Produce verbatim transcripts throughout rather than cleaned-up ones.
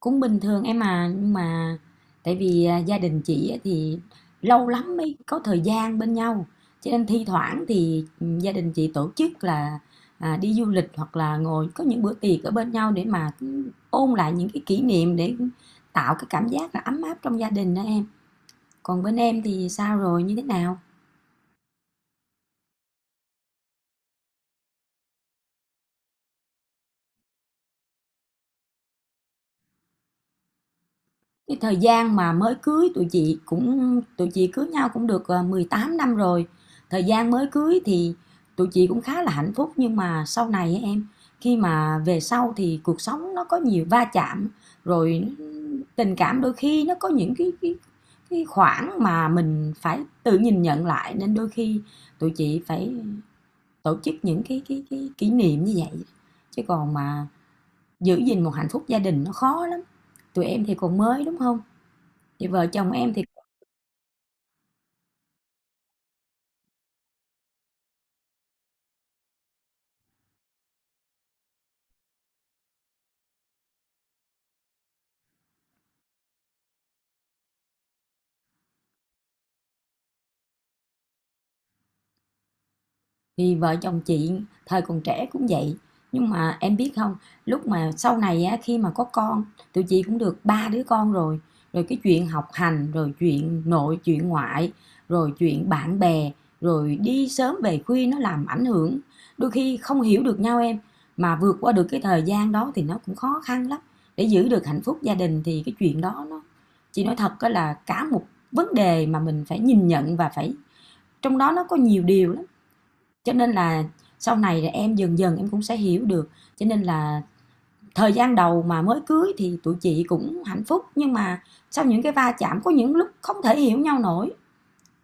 Cũng bình thường em à, nhưng mà tại vì, à, gia đình chị á thì lâu lắm mới có thời gian bên nhau, cho nên thi thoảng thì, ừm, gia đình chị tổ chức là, à, đi du lịch hoặc là ngồi có những bữa tiệc ở bên nhau để mà, ừ, ôn lại những cái kỷ niệm để tạo cái cảm giác là ấm áp trong gia đình đó em. Còn bên em thì sao rồi, như thế nào? Cái thời gian mà mới cưới tụi chị cũng tụi chị cưới nhau cũng được ờ, mười tám năm rồi. Thời gian mới cưới thì tụi chị cũng khá là hạnh phúc, nhưng mà sau này em, khi mà về sau thì cuộc sống nó có nhiều va chạm, rồi tình cảm đôi khi nó có những cái cái cái khoảng mà mình phải tự nhìn nhận lại, nên đôi khi tụi chị phải tổ chức những cái cái cái kỷ niệm như vậy, chứ còn mà giữ gìn một hạnh phúc gia đình nó khó lắm. Tụi em thì còn mới, đúng không? Thì vợ chồng em thì thì vợ chồng chị thời còn trẻ cũng vậy. Nhưng mà em biết không, lúc mà sau này á, khi mà có con, tụi chị cũng được ba đứa con rồi. Rồi cái chuyện học hành, rồi chuyện nội, chuyện ngoại, rồi chuyện bạn bè, rồi đi sớm về khuya nó làm ảnh hưởng. Đôi khi không hiểu được nhau em, mà vượt qua được cái thời gian đó thì nó cũng khó khăn lắm. Để giữ được hạnh phúc gia đình thì cái chuyện đó nó, chị nói thật á, là cả một vấn đề mà mình phải nhìn nhận và phải, trong đó nó có nhiều điều lắm. Cho nên là sau này là em dần dần em cũng sẽ hiểu được. Cho nên là thời gian đầu mà mới cưới thì tụi chị cũng hạnh phúc, nhưng mà sau những cái va chạm có những lúc không thể hiểu nhau nổi.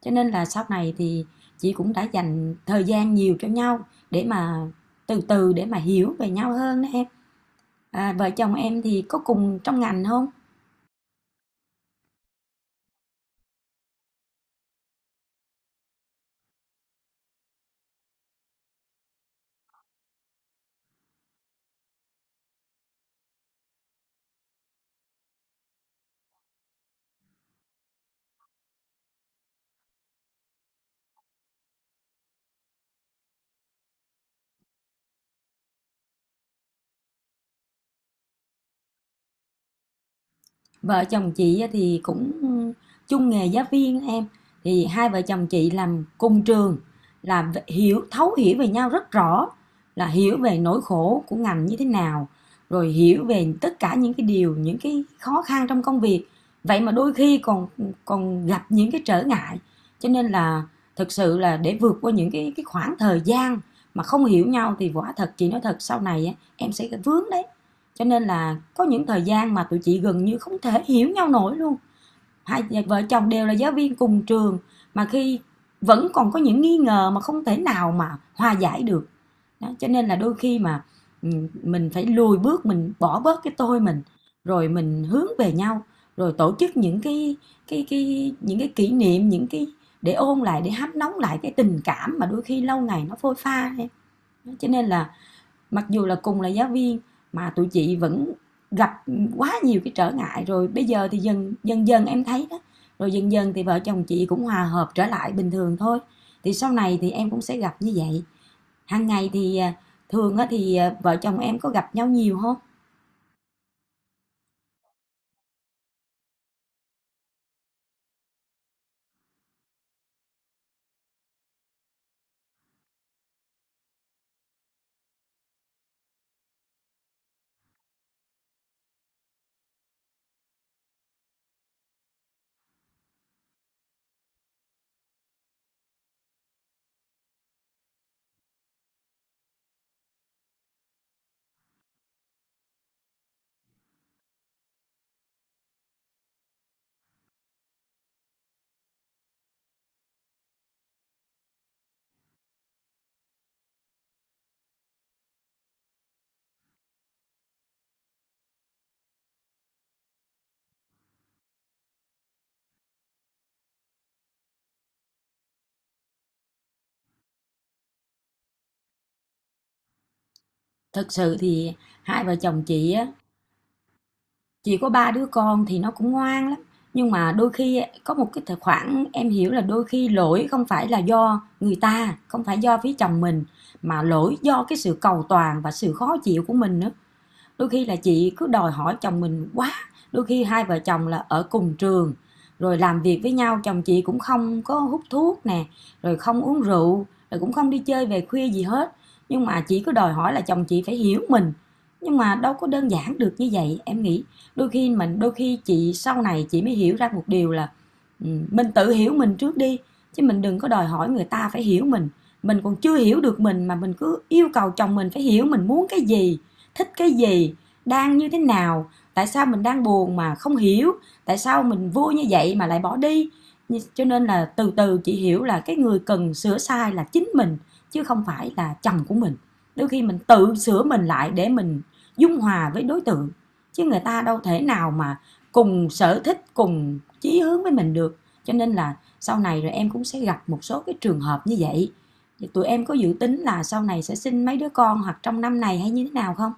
Cho nên là sau này thì chị cũng đã dành thời gian nhiều cho nhau để mà từ từ để mà hiểu về nhau hơn đó em. À, vợ chồng em thì có cùng trong ngành không? Vợ chồng chị thì cũng chung nghề giáo viên em, thì hai vợ chồng chị làm cùng trường, làm hiểu thấu hiểu về nhau rất rõ, là hiểu về nỗi khổ của ngành như thế nào, rồi hiểu về tất cả những cái điều, những cái khó khăn trong công việc. Vậy mà đôi khi còn còn gặp những cái trở ngại, cho nên là thực sự là để vượt qua những cái cái khoảng thời gian mà không hiểu nhau thì quả thật chị nói thật, sau này em sẽ vướng đấy. Cho nên là có những thời gian mà tụi chị gần như không thể hiểu nhau nổi luôn, hai vợ chồng đều là giáo viên cùng trường mà khi vẫn còn có những nghi ngờ mà không thể nào mà hòa giải được đó. Cho nên là đôi khi mà, ừ, mình phải lùi bước, mình bỏ bớt cái tôi mình, rồi mình hướng về nhau, rồi tổ chức những cái cái cái những cái kỷ niệm, những cái để ôn lại, để hấp nóng lại cái tình cảm mà đôi khi lâu ngày nó phôi pha. Cho nên là mặc dù là cùng là giáo viên mà tụi chị vẫn gặp quá nhiều cái trở ngại, rồi bây giờ thì dần dần dần em thấy đó, rồi dần dần thì vợ chồng chị cũng hòa hợp trở lại bình thường thôi. Thì sau này thì em cũng sẽ gặp như vậy. Hàng ngày thì à, thường á thì à, vợ chồng em có gặp nhau nhiều không? Thực sự thì hai vợ chồng chị á, chỉ có ba đứa con thì nó cũng ngoan lắm, nhưng mà đôi khi có một cái thời- khoảng, em hiểu, là đôi khi lỗi không phải là do người ta, không phải do phía chồng mình, mà lỗi do cái sự cầu toàn và sự khó chịu của mình nữa. Đôi khi là chị cứ đòi hỏi chồng mình quá. Đôi khi hai vợ chồng là ở cùng trường rồi làm việc với nhau, chồng chị cũng không có hút thuốc nè, rồi không uống rượu, rồi cũng không đi chơi về khuya gì hết, nhưng mà chị cứ đòi hỏi là chồng chị phải hiểu mình, nhưng mà đâu có đơn giản được như vậy em nghĩ. Đôi khi mình đôi khi chị, sau này chị mới hiểu ra một điều là, ừ, mình tự hiểu mình trước đi, chứ mình đừng có đòi hỏi người ta phải hiểu mình. Mình còn chưa hiểu được mình mà mình cứ yêu cầu chồng mình phải hiểu mình muốn cái gì, thích cái gì, đang như thế nào, tại sao mình đang buồn mà không hiểu, tại sao mình vui như vậy mà lại bỏ đi. Cho nên là từ từ chị hiểu là cái người cần sửa sai là chính mình, chứ không phải là chồng của mình. Đôi khi mình tự sửa mình lại để mình dung hòa với đối tượng, chứ người ta đâu thể nào mà cùng sở thích cùng chí hướng với mình được. Cho nên là sau này rồi em cũng sẽ gặp một số cái trường hợp như vậy. Thì tụi em có dự tính là sau này sẽ sinh mấy đứa con, hoặc trong năm này, hay như thế nào không?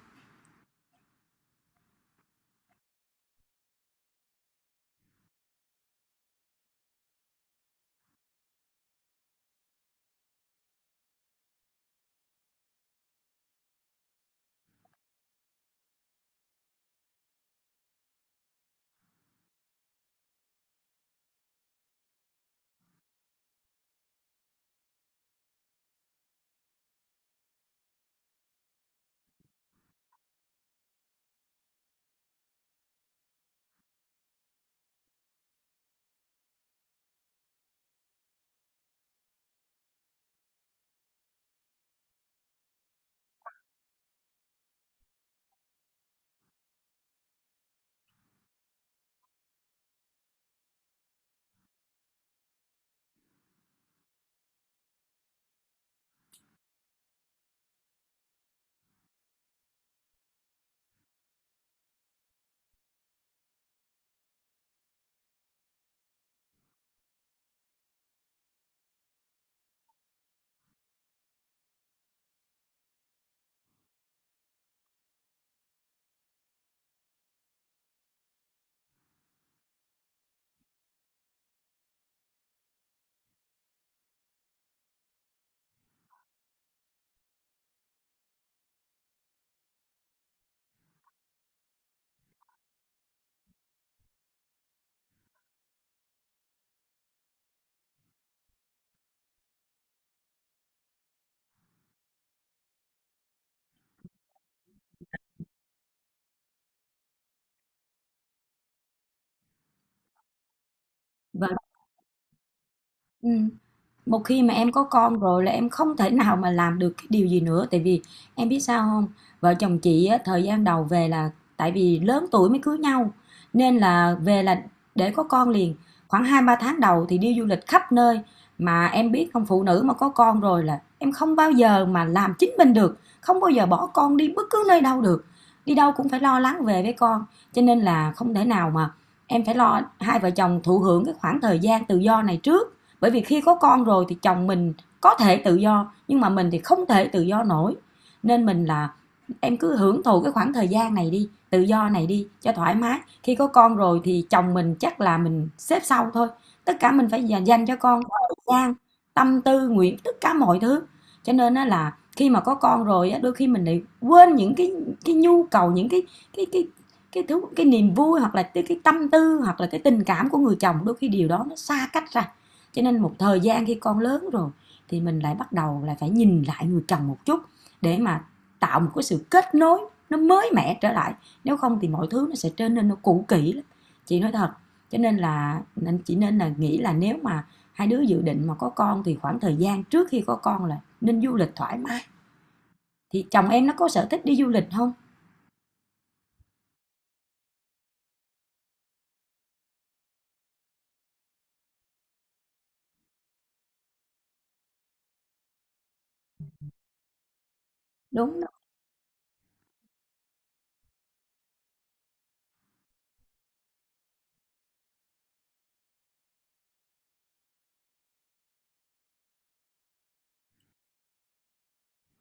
Và, ừm, một khi mà em có con rồi là em không thể nào mà làm được cái điều gì nữa, tại vì em biết sao không? Vợ chồng chị á, thời gian đầu về là, tại vì lớn tuổi mới cưới nhau, nên là về là để có con liền, khoảng hai ba tháng đầu thì đi du lịch khắp nơi. Mà em biết không? Phụ nữ mà có con rồi là em không bao giờ mà làm chính mình được, không bao giờ bỏ con đi bất cứ nơi đâu được, đi đâu cũng phải lo lắng về với con, cho nên là không thể nào mà, em phải lo hai vợ chồng thụ hưởng cái khoảng thời gian tự do này trước, bởi vì khi có con rồi thì chồng mình có thể tự do, nhưng mà mình thì không thể tự do nổi. Nên mình là, em cứ hưởng thụ cái khoảng thời gian này đi, tự do này đi cho thoải mái. Khi có con rồi thì chồng mình chắc là mình xếp sau thôi, tất cả mình phải dành- cho con thời gian, tâm tư nguyện, tất cả mọi thứ. Cho nên á là khi mà có con rồi á, đôi khi mình lại quên những cái cái nhu cầu, những cái cái cái cái thứ, cái niềm vui, hoặc là cái, cái tâm tư, hoặc là cái tình cảm của người chồng, đôi khi điều đó nó xa cách ra. Cho nên một thời gian khi con lớn rồi thì mình lại bắt đầu là phải nhìn lại người chồng một chút, để mà tạo một cái sự kết nối nó mới mẻ trở lại, nếu không thì mọi thứ nó sẽ trở nên nó cũ kỹ lắm, chị nói thật. Cho nên là, nên chỉ nên là nghĩ là nếu mà hai đứa dự định mà có con thì khoảng thời gian trước khi có con là nên du lịch thoải mái. Thì chồng em nó có sở thích đi du lịch không? Đúng.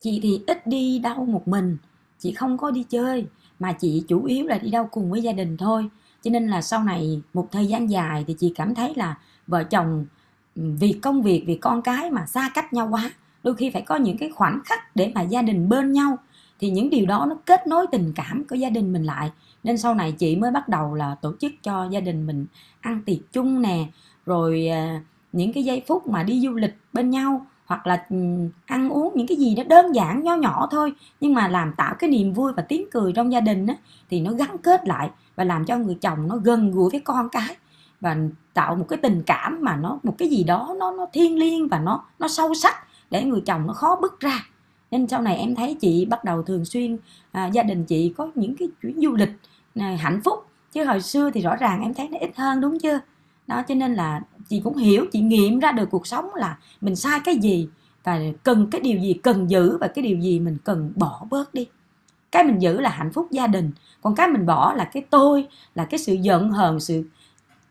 Chị thì ít đi đâu một mình, chị không có đi chơi, mà chị chủ yếu là đi đâu cùng với gia đình thôi. Cho nên là sau này một thời gian dài thì chị cảm thấy là vợ chồng, ừ, vì công việc, vì con cái mà xa cách nhau quá. Đôi khi phải có những cái khoảnh khắc để mà gia đình bên nhau, thì những điều đó nó kết nối tình cảm của gia đình mình lại. Nên sau này chị mới bắt đầu là tổ chức cho gia đình mình ăn tiệc chung nè, rồi à, những cái giây phút mà đi du lịch bên nhau, hoặc là ừ, ăn uống những cái gì nó đơn giản nho nhỏ thôi, nhưng mà làm tạo cái niềm vui và tiếng cười trong gia đình á, thì nó gắn kết lại, và làm cho người chồng nó gần gũi với con cái, và tạo một cái tình cảm mà nó một cái gì đó nó nó thiêng liêng và nó nó sâu sắc, để người chồng nó khó bứt ra. Nên sau này em thấy chị bắt đầu thường xuyên, à, gia đình chị có những cái chuyến du lịch, à, hạnh phúc, chứ hồi xưa thì rõ ràng em thấy nó ít hơn đúng chưa. Đó cho nên là chị cũng hiểu, chị nghiệm ra được cuộc sống là mình sai cái gì và cần cái điều gì, cần giữ và cái điều gì mình cần bỏ bớt đi. Cái mình giữ là hạnh phúc gia đình, còn cái mình bỏ là cái tôi, là cái sự giận hờn, sự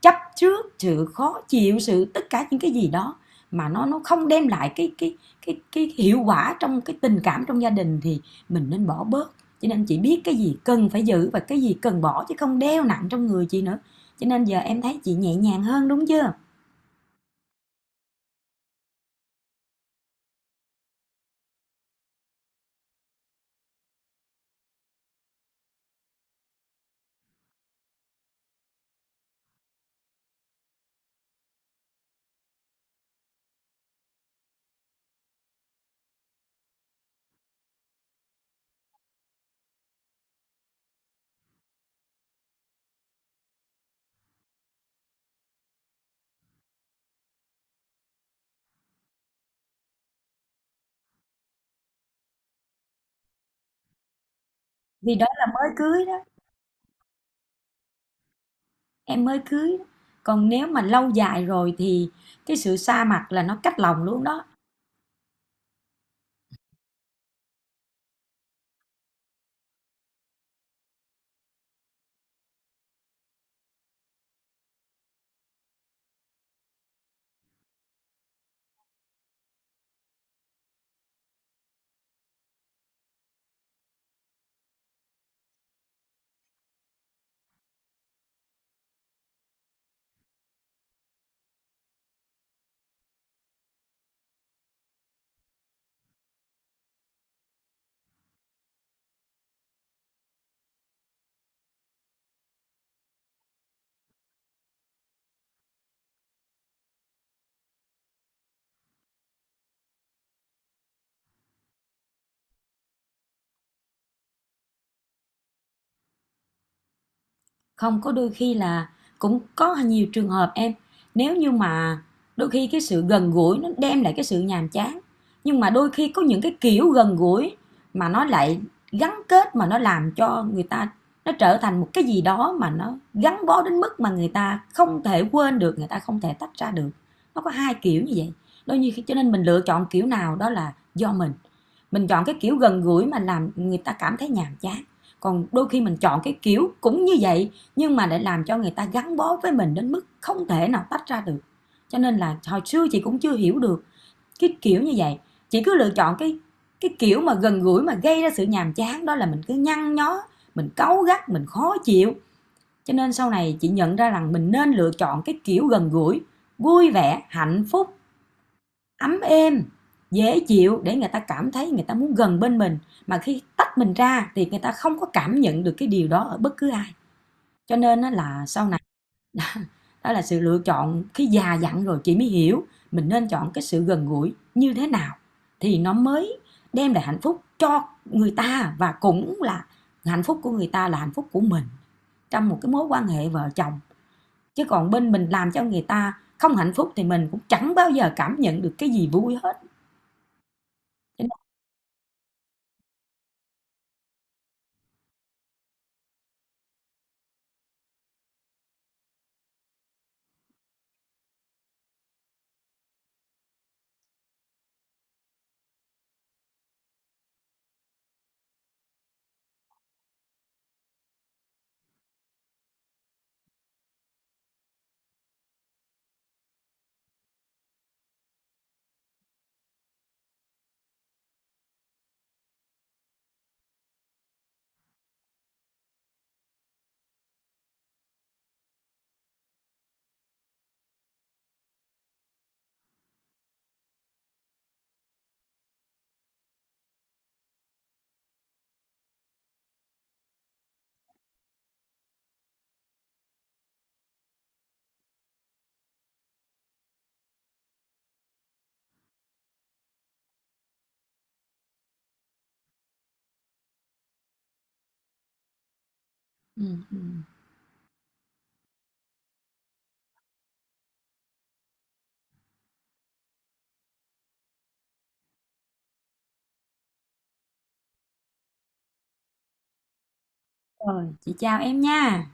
chấp trước, sự khó chịu, sự tất cả những cái gì đó mà nó nó không đem lại cái cái cái cái hiệu quả trong cái tình cảm trong gia đình thì mình nên bỏ bớt. Cho nên chị biết cái gì cần phải giữ và cái gì cần bỏ, chứ không đeo nặng trong người chị nữa. Cho nên giờ em thấy chị nhẹ nhàng hơn đúng chưa. Vì đó là mới cưới đó, em mới cưới, còn nếu mà lâu dài rồi thì cái sự xa mặt là nó cách lòng luôn đó. Không có, đôi khi là cũng có nhiều trường hợp em, nếu như mà đôi khi cái sự gần gũi nó đem lại cái sự nhàm chán, nhưng mà đôi khi có những cái kiểu gần gũi mà nó lại gắn kết, mà nó làm cho người ta, nó trở thành một cái gì đó mà nó gắn bó đến mức mà người ta không thể quên được, người ta không thể tách ra được. Nó có hai kiểu như vậy. Đôi khi cho nên mình lựa chọn kiểu nào đó là do mình mình chọn cái kiểu gần gũi mà làm người ta cảm thấy nhàm chán, còn đôi khi mình chọn cái kiểu cũng như vậy, nhưng mà lại làm cho người ta gắn bó với mình đến mức không thể nào tách ra được. Cho nên là hồi xưa chị cũng chưa hiểu được cái kiểu như vậy, chị cứ lựa chọn cái cái kiểu mà gần gũi mà gây ra sự nhàm chán, đó là mình cứ nhăn nhó, mình cáu gắt, mình khó chịu. Cho nên sau này chị nhận ra rằng mình nên lựa chọn cái kiểu gần gũi vui vẻ, hạnh phúc, ấm êm, dễ chịu để người ta cảm thấy người ta muốn gần bên mình, mà khi tách mình ra thì người ta không có cảm nhận được cái điều đó ở bất cứ ai. Cho nên là sau này, đó là sự lựa chọn khi già dặn rồi chị mới hiểu mình nên chọn cái sự gần gũi như thế nào thì nó mới đem lại hạnh phúc cho người ta, và cũng là hạnh phúc của người ta là hạnh phúc của mình trong một cái mối quan hệ vợ chồng. Chứ còn bên mình làm cho người ta không hạnh phúc thì mình cũng chẳng bao giờ cảm nhận được cái gì vui hết. Ừ, ừ. Rồi chị chào em nha.